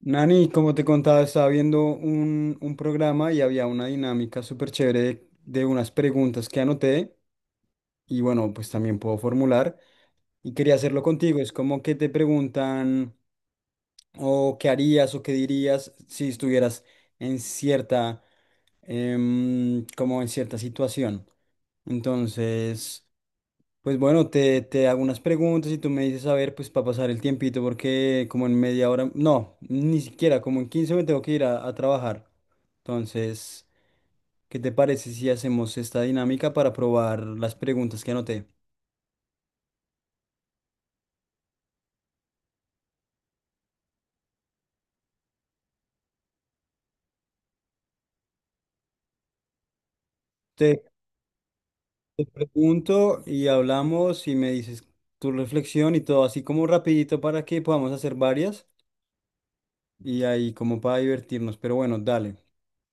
Nani, como te contaba, estaba viendo un programa y había una dinámica súper chévere de unas preguntas que anoté y bueno, pues también puedo formular y quería hacerlo contigo. Es como que te preguntan o qué harías o qué dirías si estuvieras en cierta, como en cierta situación. Entonces, pues bueno, te hago unas preguntas y tú me dices, a ver, pues para pasar el tiempito, porque como en media hora, no, ni siquiera, como en 15 me tengo que ir a trabajar. Entonces, ¿qué te parece si hacemos esta dinámica para probar las preguntas que anoté? Te pregunto y hablamos y me dices tu reflexión y todo así como rapidito para que podamos hacer varias y ahí como para divertirnos, pero bueno, dale.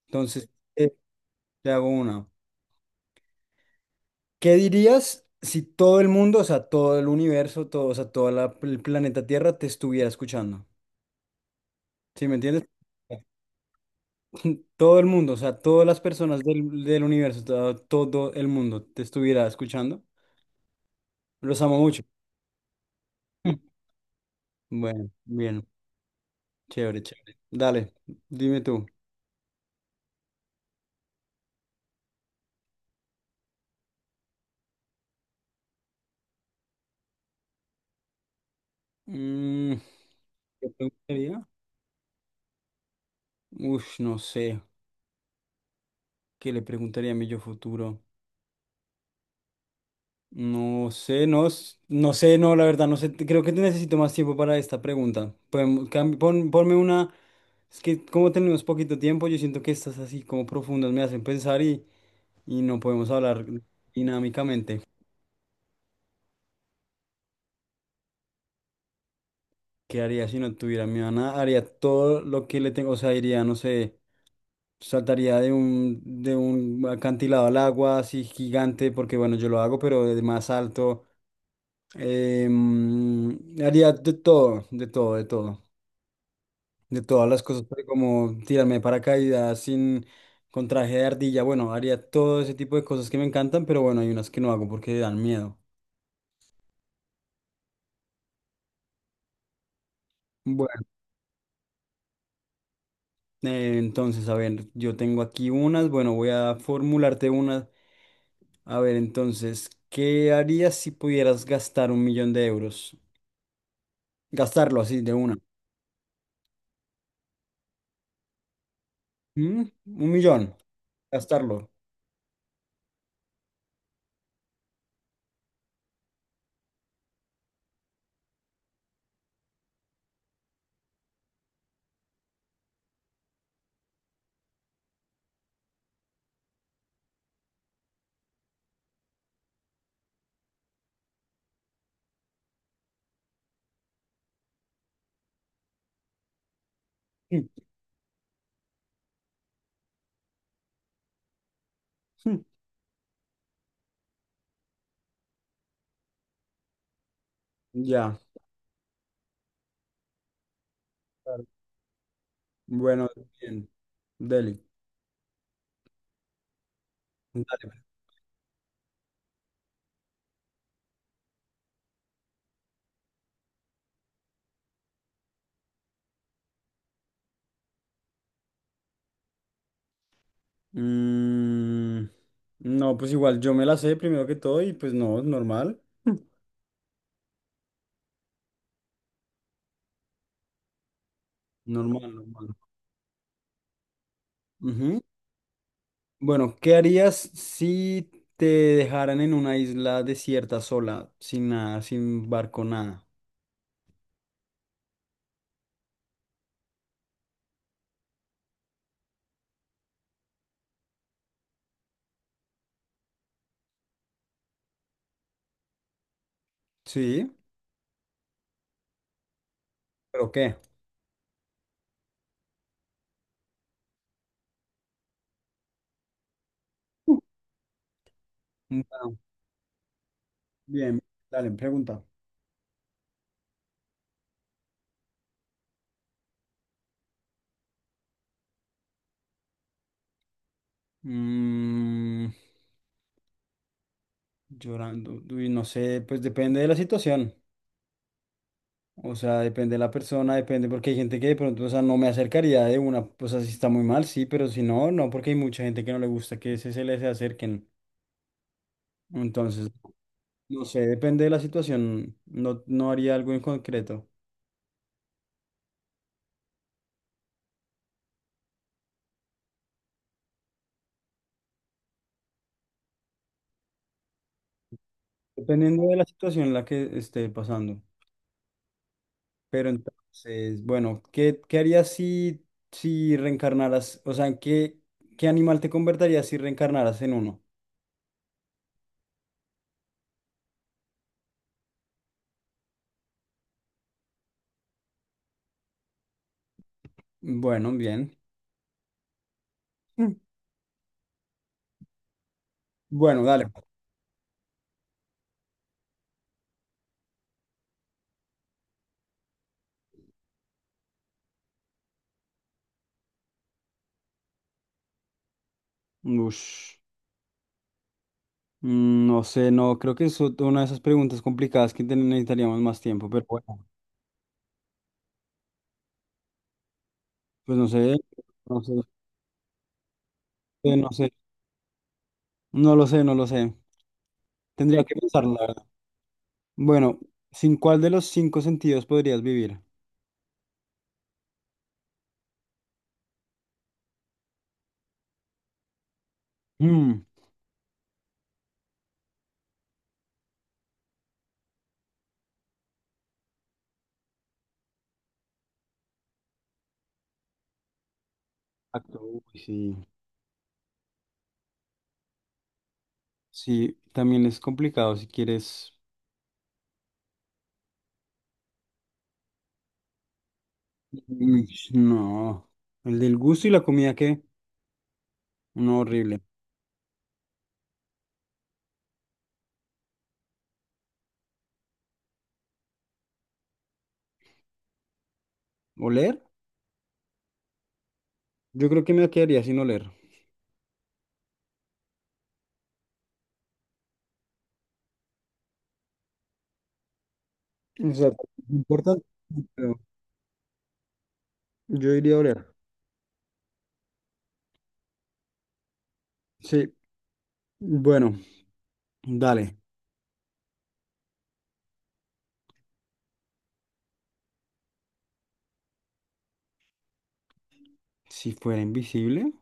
Entonces, eh, te hago una. ¿Qué dirías si todo el mundo, o sea, todo el universo, todo, o sea, todo el planeta Tierra te estuviera escuchando? ¿Sí me entiendes? Todo el mundo, o sea, todas las personas del universo, todo, todo el mundo te estuviera escuchando. Los amo mucho. Bueno, bien, chévere, chévere. Dale, dime tú. Mm, ¿qué preguntaría? Uf, no sé. ¿Qué le preguntaría a mi yo futuro? No sé, no, no sé, no, la verdad, no sé. Creo que te necesito más tiempo para esta pregunta. Podemos, ponme una. Es que como tenemos poquito tiempo, yo siento que estas así como profundas me hacen pensar y no podemos hablar dinámicamente. ¿Qué haría si no tuviera mi nada? Haría todo lo que le tengo, o sea, iría, no sé, saltaría de un acantilado al agua así gigante, porque bueno, yo lo hago, pero de más alto. Em, haría de todo, de todo, de todo. De todas las cosas, pero como tirarme de paracaídas sin con traje de ardilla, bueno, haría todo ese tipo de cosas que me encantan, pero bueno, hay unas que no hago porque dan miedo. Bueno, entonces, a ver, yo tengo aquí unas, bueno, voy a formularte unas. A ver, entonces, ¿qué harías si pudieras gastar 1 millón de euros? Gastarlo así, de una. ¿Mm? 1 millón, gastarlo. Mm, mm, ya. Claro. Bueno, bien. Deli. Dale, mm, no, pues igual yo me la sé primero que todo y pues no, normal. Normal, normal. Ujú. Bueno, ¿qué harías si te dejaran en una isla desierta sola, sin nada, sin barco, nada? Sí, ¿pero qué? Uh. Bueno, bien, dale, pregunta. Mm, llorando, uy, no sé, pues depende de la situación. O sea, depende de la persona, depende, porque hay gente que de pronto, o sea, no me acercaría de una, pues así está muy mal, sí, pero si no, no, porque hay mucha gente que no le gusta que se les acerquen. Entonces, no sé, depende de la situación, no, no haría algo en concreto, dependiendo de la situación en la que esté pasando. Pero entonces, bueno, ¿qué, qué harías si, si reencarnaras? O sea, ¿qué animal te convertirías si reencarnaras en uno? Bueno, bien. Mm. Bueno, dale. Ush. Mm, no sé, no, creo que es una de esas preguntas complicadas que necesitaríamos más tiempo, pero bueno, pues no sé, no sé, no sé, no lo sé, no lo sé. Tendría que pensarlo, la verdad. Bueno, ¿sin cuál de los cinco sentidos podrías vivir? Mm, exacto, uy, sí, sí, también es complicado si quieres. Mm, no, el del gusto y la comida, ¿qué? No, horrible. ¿Oler? Yo creo que me quedaría sin oler. O sea, no importa, pero yo iría a oler. Sí, bueno. Dale, si fuera invisible,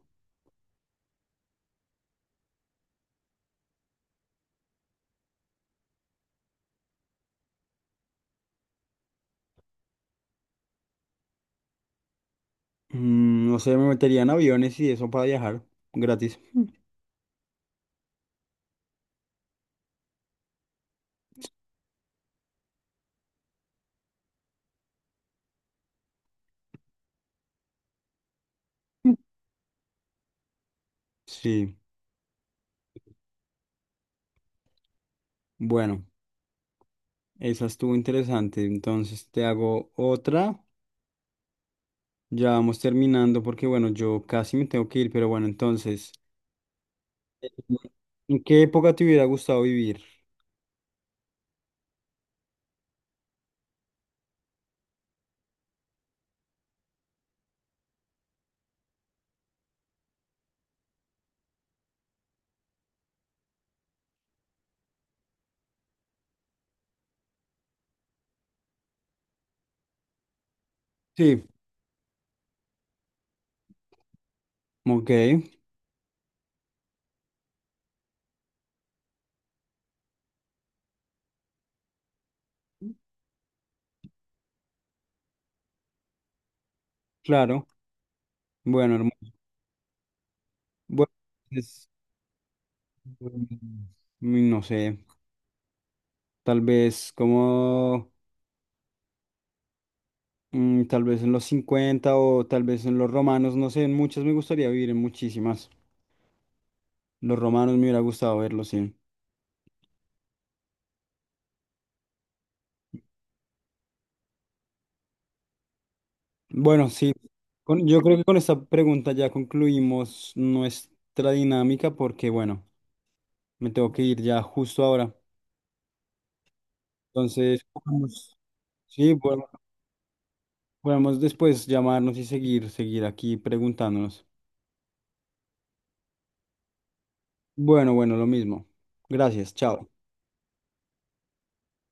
mm, no sé, me metería en aviones y eso para viajar gratis. Sí, bueno, esa estuvo interesante. Entonces te hago otra. Ya vamos terminando porque, bueno, yo casi me tengo que ir, pero bueno, entonces, eh, ¿en qué época te hubiera gustado vivir? Sí, ok, claro. Bueno, hermano. Bueno, es- no sé, tal vez como. Mm, tal vez en los 50 o tal vez en los romanos, no sé, en muchas me gustaría vivir, en muchísimas. Los romanos me hubiera gustado verlos, sí. Bueno, sí, yo creo que con esta pregunta ya concluimos nuestra dinámica porque, bueno, me tengo que ir ya justo ahora. Entonces, sí, podemos, después llamarnos y seguir aquí preguntándonos. Bueno, bueno, lo mismo. Gracias, chao.